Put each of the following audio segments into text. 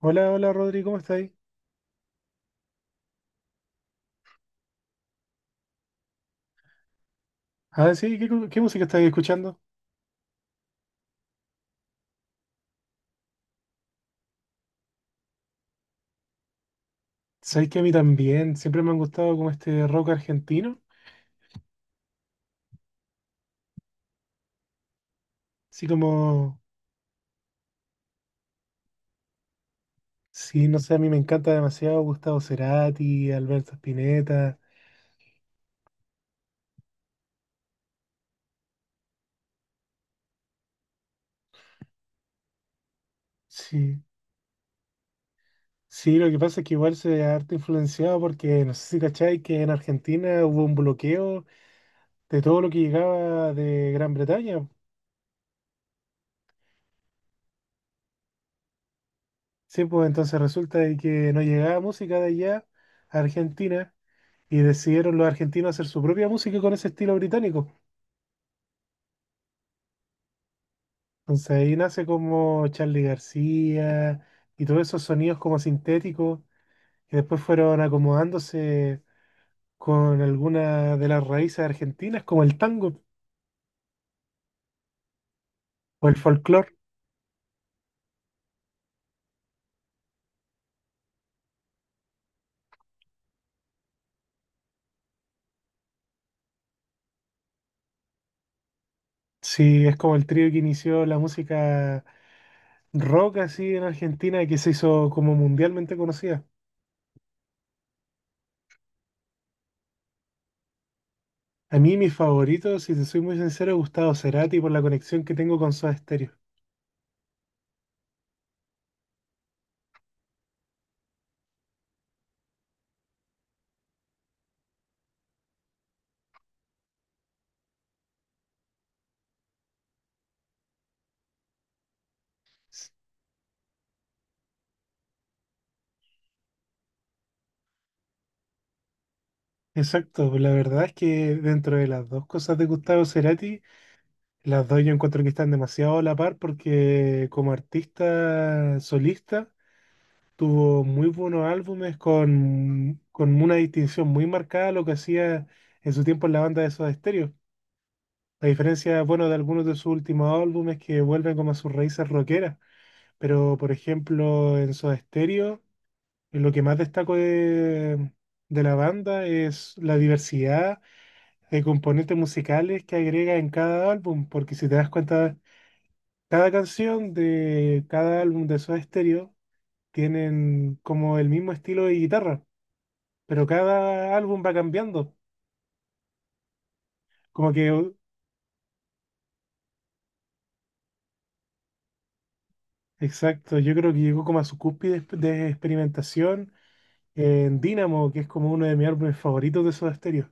Hola, hola Rodri, ¿cómo estáis? Ah, sí, ¿qué, qué música estáis escuchando? Sabéis que a mí también, siempre me han gustado como este rock argentino, así como, sí, no sé, a mí me encanta demasiado Gustavo Cerati, Alberto Spinetta, sí, sí, lo que pasa es que igual se ha harto influenciado porque, no sé si cacháis que en Argentina hubo un bloqueo de todo lo que llegaba de Gran Bretaña. Sí, pues entonces resulta de que no llegaba música de allá a Argentina. Y decidieron los argentinos hacer su propia música con ese estilo británico. Entonces ahí nace como Charly García y todos esos sonidos como sintéticos que después fueron acomodándose con algunas de las raíces argentinas como el tango o el folclore. Sí, es como el trío que inició la música rock así en Argentina y que se hizo como mundialmente conocida. A mí mi favorito, si te soy muy sincero, es Gustavo Cerati por la conexión que tengo con Soda Stereo. Exacto, la verdad es que dentro de las dos cosas de Gustavo Cerati, las dos yo encuentro que están demasiado a la par porque como artista solista tuvo muy buenos álbumes con una distinción muy marcada a lo que hacía en su tiempo en la banda de Soda Stereo. A diferencia, bueno, de algunos de sus últimos álbumes que vuelven como a sus raíces rockeras, pero por ejemplo en Soda Stereo lo que más destaco de la banda es la diversidad de componentes musicales que agrega en cada álbum, porque si te das cuenta, cada canción de cada álbum de Soda Stereo tienen como el mismo estilo de guitarra, pero cada álbum va cambiando. Como que, u- exacto, yo creo que llegó como a su cúspide de experimentación en Dynamo, que es como uno de mis álbumes favoritos de Soda Stereo.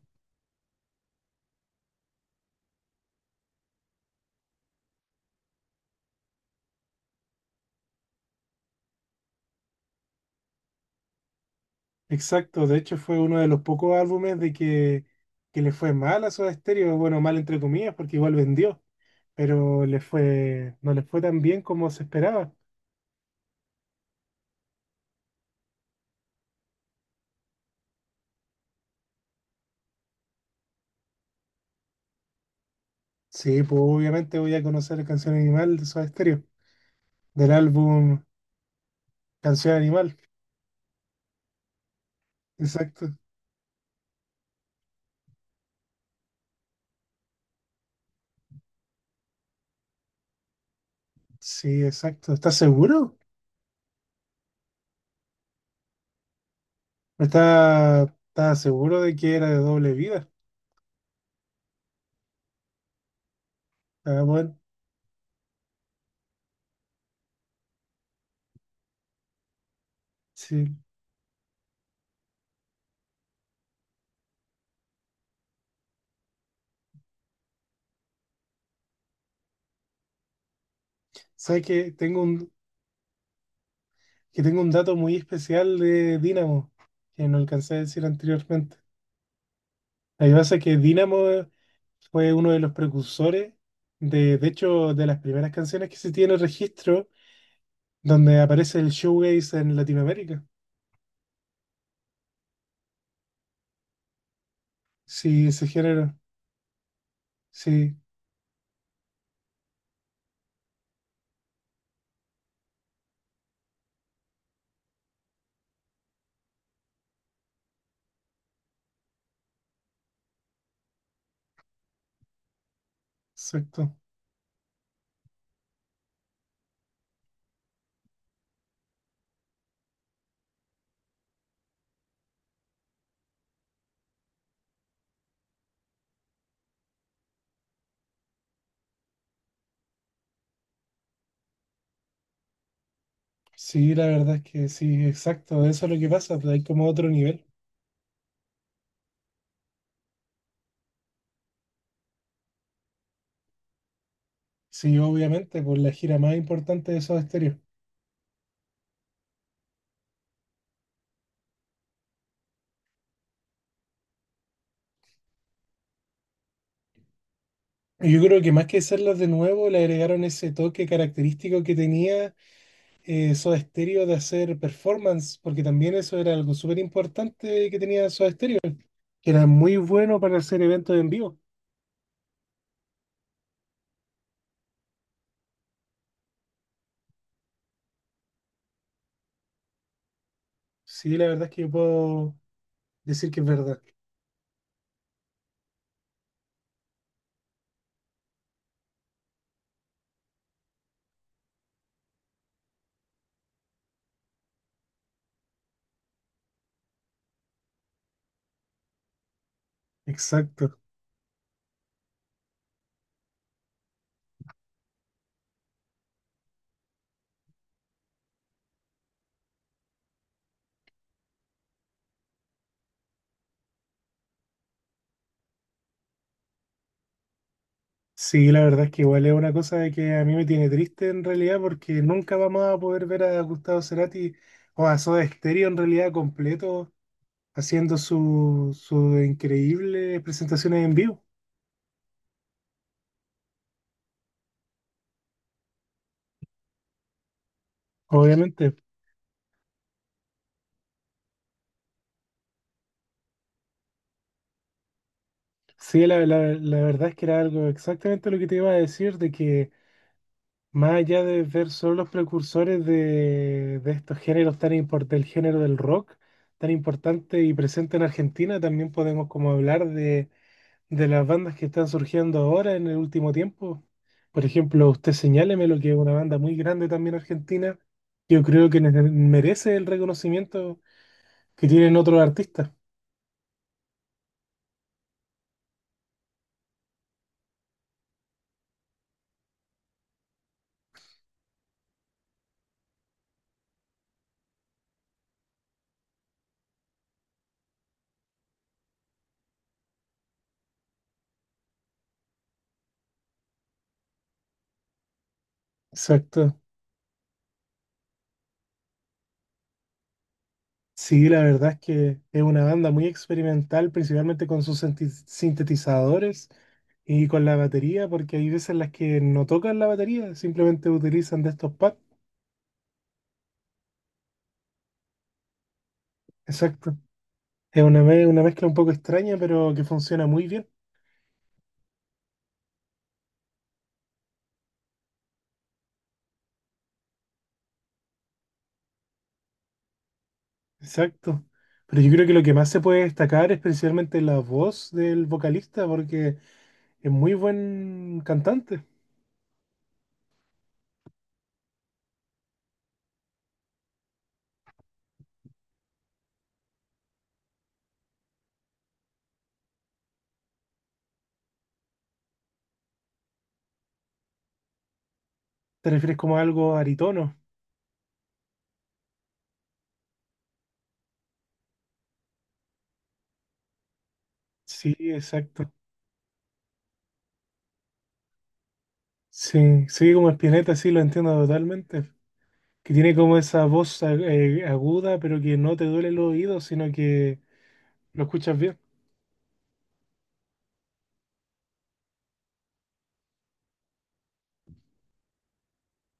Exacto, de hecho fue uno de los pocos álbumes que le fue mal a Soda Stereo, bueno, mal entre comillas, porque igual vendió. Pero le fue, no le fue tan bien como se esperaba. Sí, pues obviamente voy a conocer Canción Animal de Soda Stereo, del álbum Canción Animal. Exacto. Sí, exacto. ¿Estás seguro? ¿Estás seguro de que era de Doble Vida? Ah, bueno, sí. ¿Sabes que tengo un dato muy especial de Dynamo que no alcancé a decir anteriormente? Lo que pasa es que Dynamo fue uno de los precursores de hecho, de las primeras canciones que se tiene registro donde aparece el showcase en Latinoamérica. Sí, ese género. Sí, exacto. Sí, la verdad es que sí, exacto. Eso es lo que pasa. Pues hay como otro nivel. Sí, obviamente, por la gira más importante de Soda Stereo. Y yo creo que más que hacerlos de nuevo, le agregaron ese toque característico que tenía Soda Stereo de hacer performance, porque también eso era algo súper importante que tenía Soda Stereo, que era muy bueno para hacer eventos en vivo. Sí, la verdad es que yo puedo decir que es verdad. Exacto. Sí, la verdad es que igual es una cosa de que a mí me tiene triste en realidad porque nunca vamos a poder ver a Gustavo Cerati o a Soda Stereo en realidad completo haciendo sus increíbles presentaciones en vivo, obviamente. Sí, la verdad es que era algo exactamente lo que te iba a decir, de que más allá de ver solo los precursores de estos géneros tan impor- del género del rock tan importante y presente en Argentina, también podemos como hablar de las bandas que están surgiendo ahora en el último tiempo. Por ejemplo, usted señáleme lo que es una banda muy grande también argentina. Yo creo que merece el reconocimiento que tienen otros artistas. Exacto. Sí, la verdad es que es una banda muy experimental, principalmente con sus sintetizadores y con la batería, porque hay veces en las que no tocan la batería, simplemente utilizan de estos pads. Exacto. Es una, una mezcla un poco extraña, pero que funciona muy bien. Exacto. Pero yo creo que lo que más se puede destacar es precisamente la voz del vocalista, porque es muy buen cantante. ¿Te refieres como a algo aritono? Sí, exacto. Sí, sí, como Spinetta, sí, lo entiendo totalmente. Que tiene como esa voz aguda, pero que no te duele los oídos, sino que lo escuchas bien.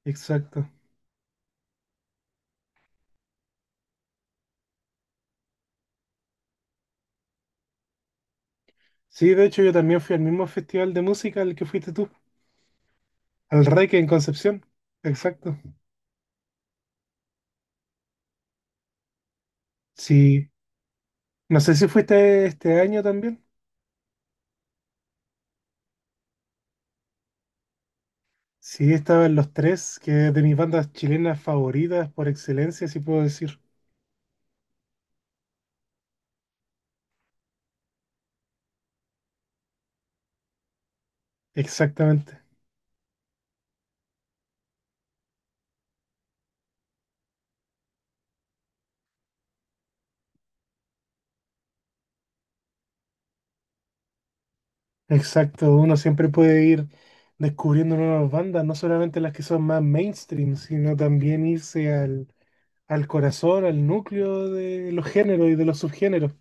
Exacto. Sí, de hecho yo también fui al mismo festival de música al que fuiste tú, al Reike en Concepción. Exacto. Sí. No sé si fuiste este año también. Sí, estaban Los Tres, que es de mis bandas chilenas favoritas por excelencia, si puedo decir. Exactamente, exacto. Uno siempre puede ir descubriendo nuevas bandas, no solamente las que son más mainstream, sino también irse al, al corazón, al núcleo de los géneros y de los subgéneros.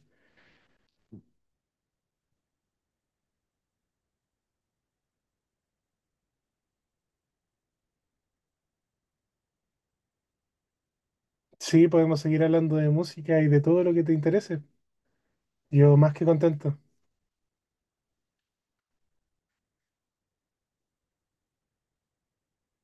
Sí, podemos seguir hablando de música y de todo lo que te interese. Yo más que contento.